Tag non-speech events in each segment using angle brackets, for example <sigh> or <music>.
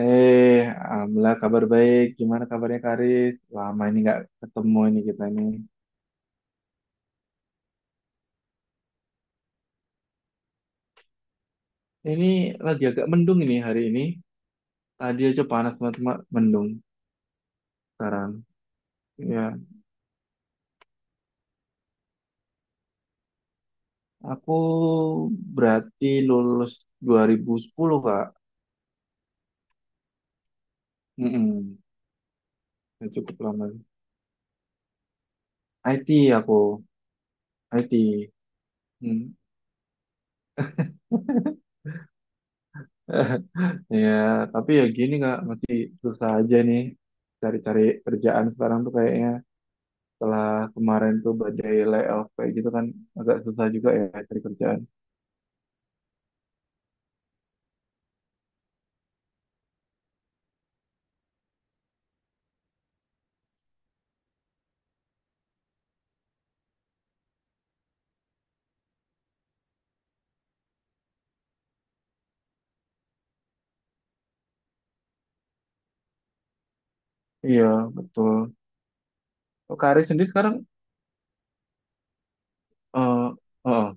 Alhamdulillah kabar baik. Gimana kabarnya Karis? Lama ini nggak ketemu ini kita ini. Ini lagi agak mendung ini hari ini. Tadi aja panas banget, cuma mendung sekarang. Ya, aku berarti lulus 2010, Kak. Mm-mm. Ya, cukup lama. IT aku, IT. Hmm. <laughs> Ya, tapi ya gini Kak, masih susah aja nih cari-cari kerjaan sekarang tuh kayaknya. Setelah kemarin tuh badai layoff kayak gitu kan agak susah juga ya cari kerjaan. Iya, betul. Oh, Kak Aris sendiri sekarang eh eh,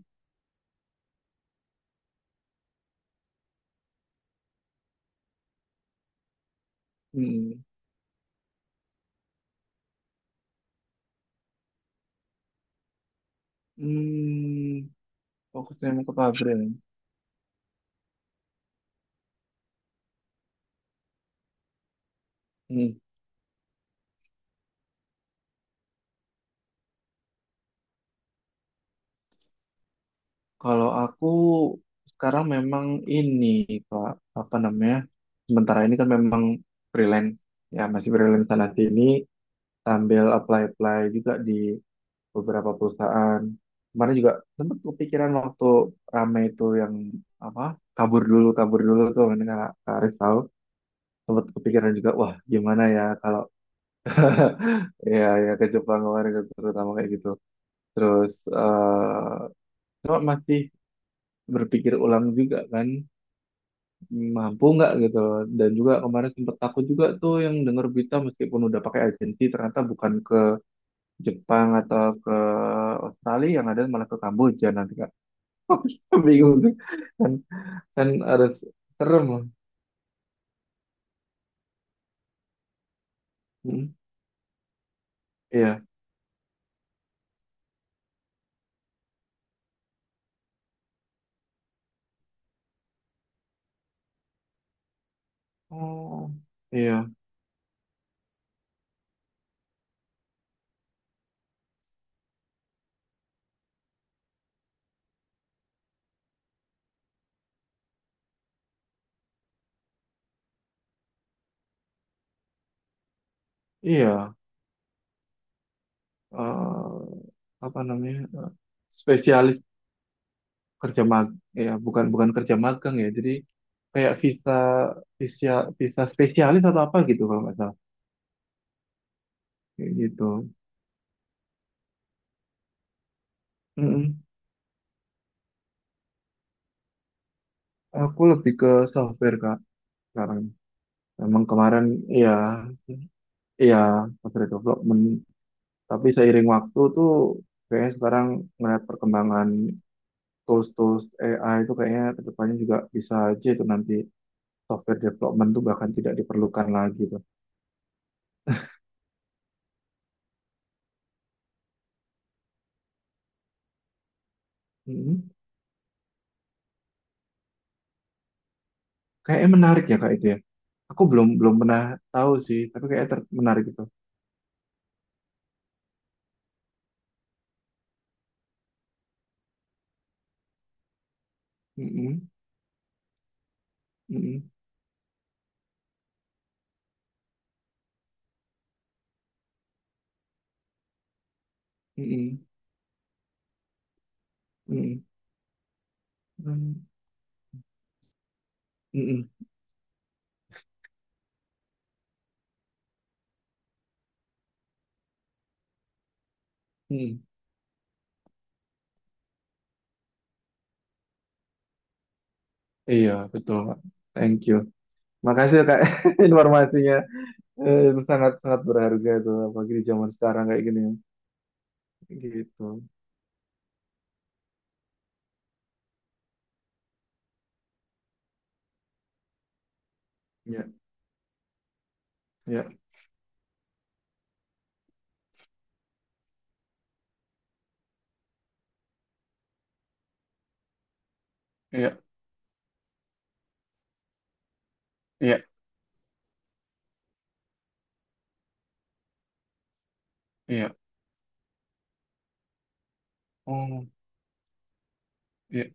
hmm, hmm, fokusnya emang ke pabrik. Hmm. Kalau aku sekarang memang ini, Pak, apa namanya? Sementara ini kan memang freelance ya, masih freelance sana sini sambil apply-apply juga di beberapa perusahaan. Kemarin juga sempat kepikiran waktu rame itu yang apa kabur dulu tuh ini karena Kak Aris tahu sempat kepikiran juga wah gimana ya kalau <laughs> ya ya ke Jepang kemarin terutama kayak gitu. Terus cuma masih berpikir ulang juga kan mampu nggak gitu dan juga kemarin sempat takut juga tuh yang dengar berita meskipun udah pakai agensi ternyata bukan ke Jepang atau ke Australia yang ada malah ke Kamboja nanti <laughs> bingung tuh kan kan harus serem loh. Hmm, iya, oh, iya, iya. Eh, apa namanya spesialis kerja mag ya bukan bukan kerja magang ya jadi kayak visa visa visa spesialis atau apa gitu kalau nggak salah. Kayak gitu. Mm-mm. Aku lebih ke software kak sekarang, memang kemarin ya iya software development tapi seiring waktu tuh kayaknya sekarang melihat perkembangan tools-tools AI itu kayaknya kedepannya juga bisa aja itu nanti software development tuh bahkan tidak diperlukan lagi tuh. Mhm. Kayaknya menarik ya kak itu ya. Aku belum belum pernah tahu sih, tapi kayaknya menarik itu. Mhm. Mhm. Mhm. Mhm. Mhm. Mhm. Mhm. Iya betul, Kak. Thank you. Makasih ya kak <laughs> informasinya. Itu sangat sangat berharga tuh apalagi di zaman sekarang kayak gini. Gitu. Ya, ya, ya, ya, ya. Oh, ya.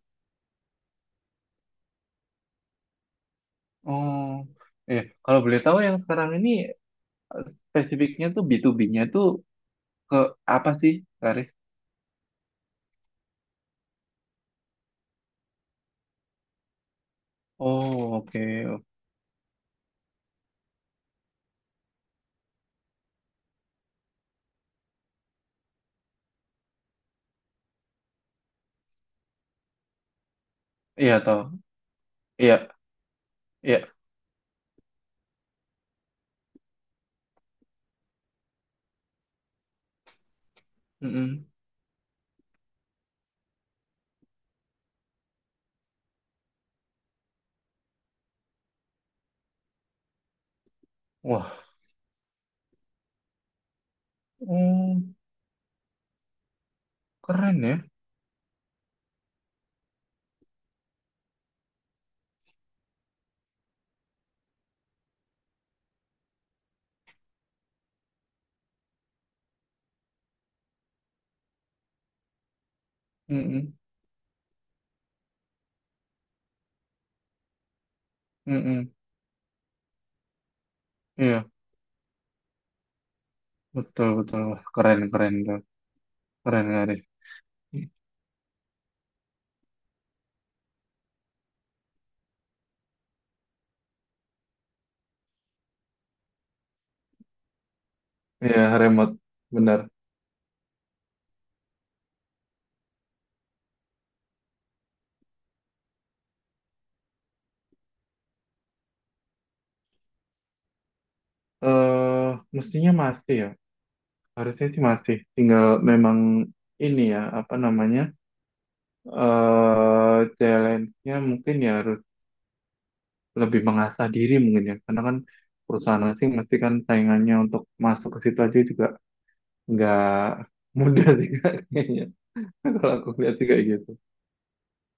Oh, iya. Kalau boleh tahu yang sekarang ini spesifiknya tuh B2B-nya tuh ke apa sih, Karis? Oh, oke. Iya, toh. Iya, iya. Mm-mm. Wah, oh, keren ya. Mm-mm. Mm-mm. Iya, betul, betul. Wah, keren, keren tuh. Keren, Karis. Iya, remote. Benar. Mestinya masih ya. Harusnya sih masih. Tinggal memang ini ya, apa namanya? Challenge-nya mungkin ya harus lebih mengasah diri mungkin ya karena kan perusahaan asing pasti kan saingannya untuk masuk ke situ aja juga nggak <laughs> mudah sih Kak, kayaknya <laughs> kalau aku lihat sih kayak gitu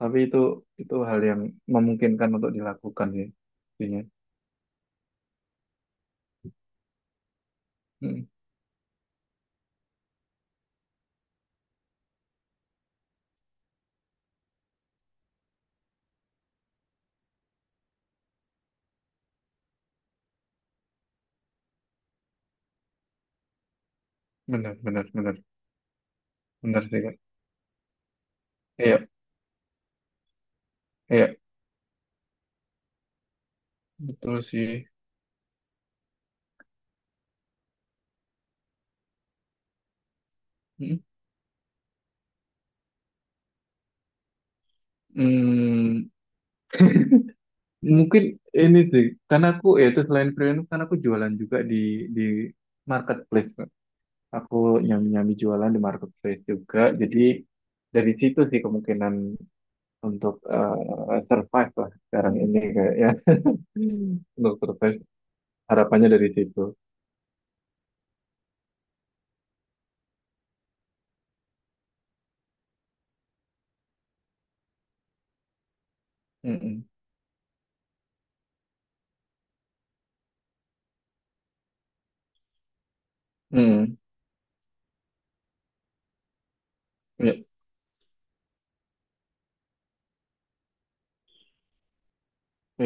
tapi itu hal yang memungkinkan untuk dilakukan ya intinya. Mm, benar benar benar benar sih kak, iya iya betul sih. Mm. Mm, mungkin ini sih karena aku ya itu selain freelance karena aku jualan juga di di marketplace, aku nyambi-nyambi jualan di marketplace juga. Jadi dari situ sih kemungkinan untuk survive lah sekarang ini kayak ya. Hmm. Untuk survive harapannya dari situ. Mm-mm. Mm. Iya,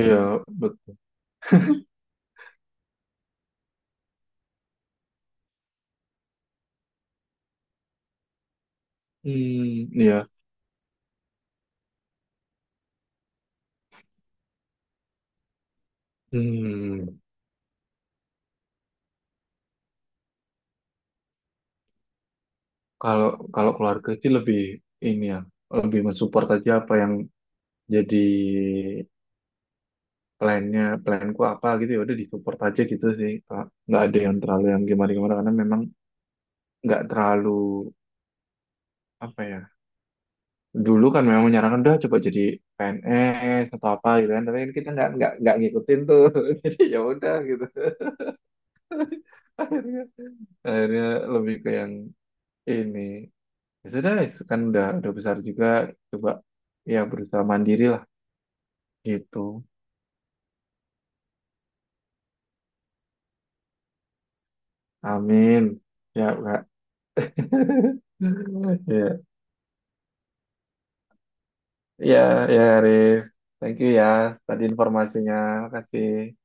iya, betul. Hmm, iya. Hmm. Kalau kalau keluarga sih lebih ini ya, lebih mensupport aja apa yang jadi plannya, planku apa gitu ya udah disupport aja gitu sih, Kak. Nggak ada yang terlalu yang gimana-gimana karena memang nggak terlalu apa ya dulu kan memang menyarankan udah coba jadi PNS atau apa gitu kan tapi kan kita nggak ngikutin tuh <laughs> jadi ya udah gitu <laughs> akhirnya akhirnya lebih ke yang ini ya sudah kan udah besar juga coba ya berusaha mandiri lah gitu. Amin ya kak <laughs> ya ya ya Haris thank you ya tadi informasinya makasih.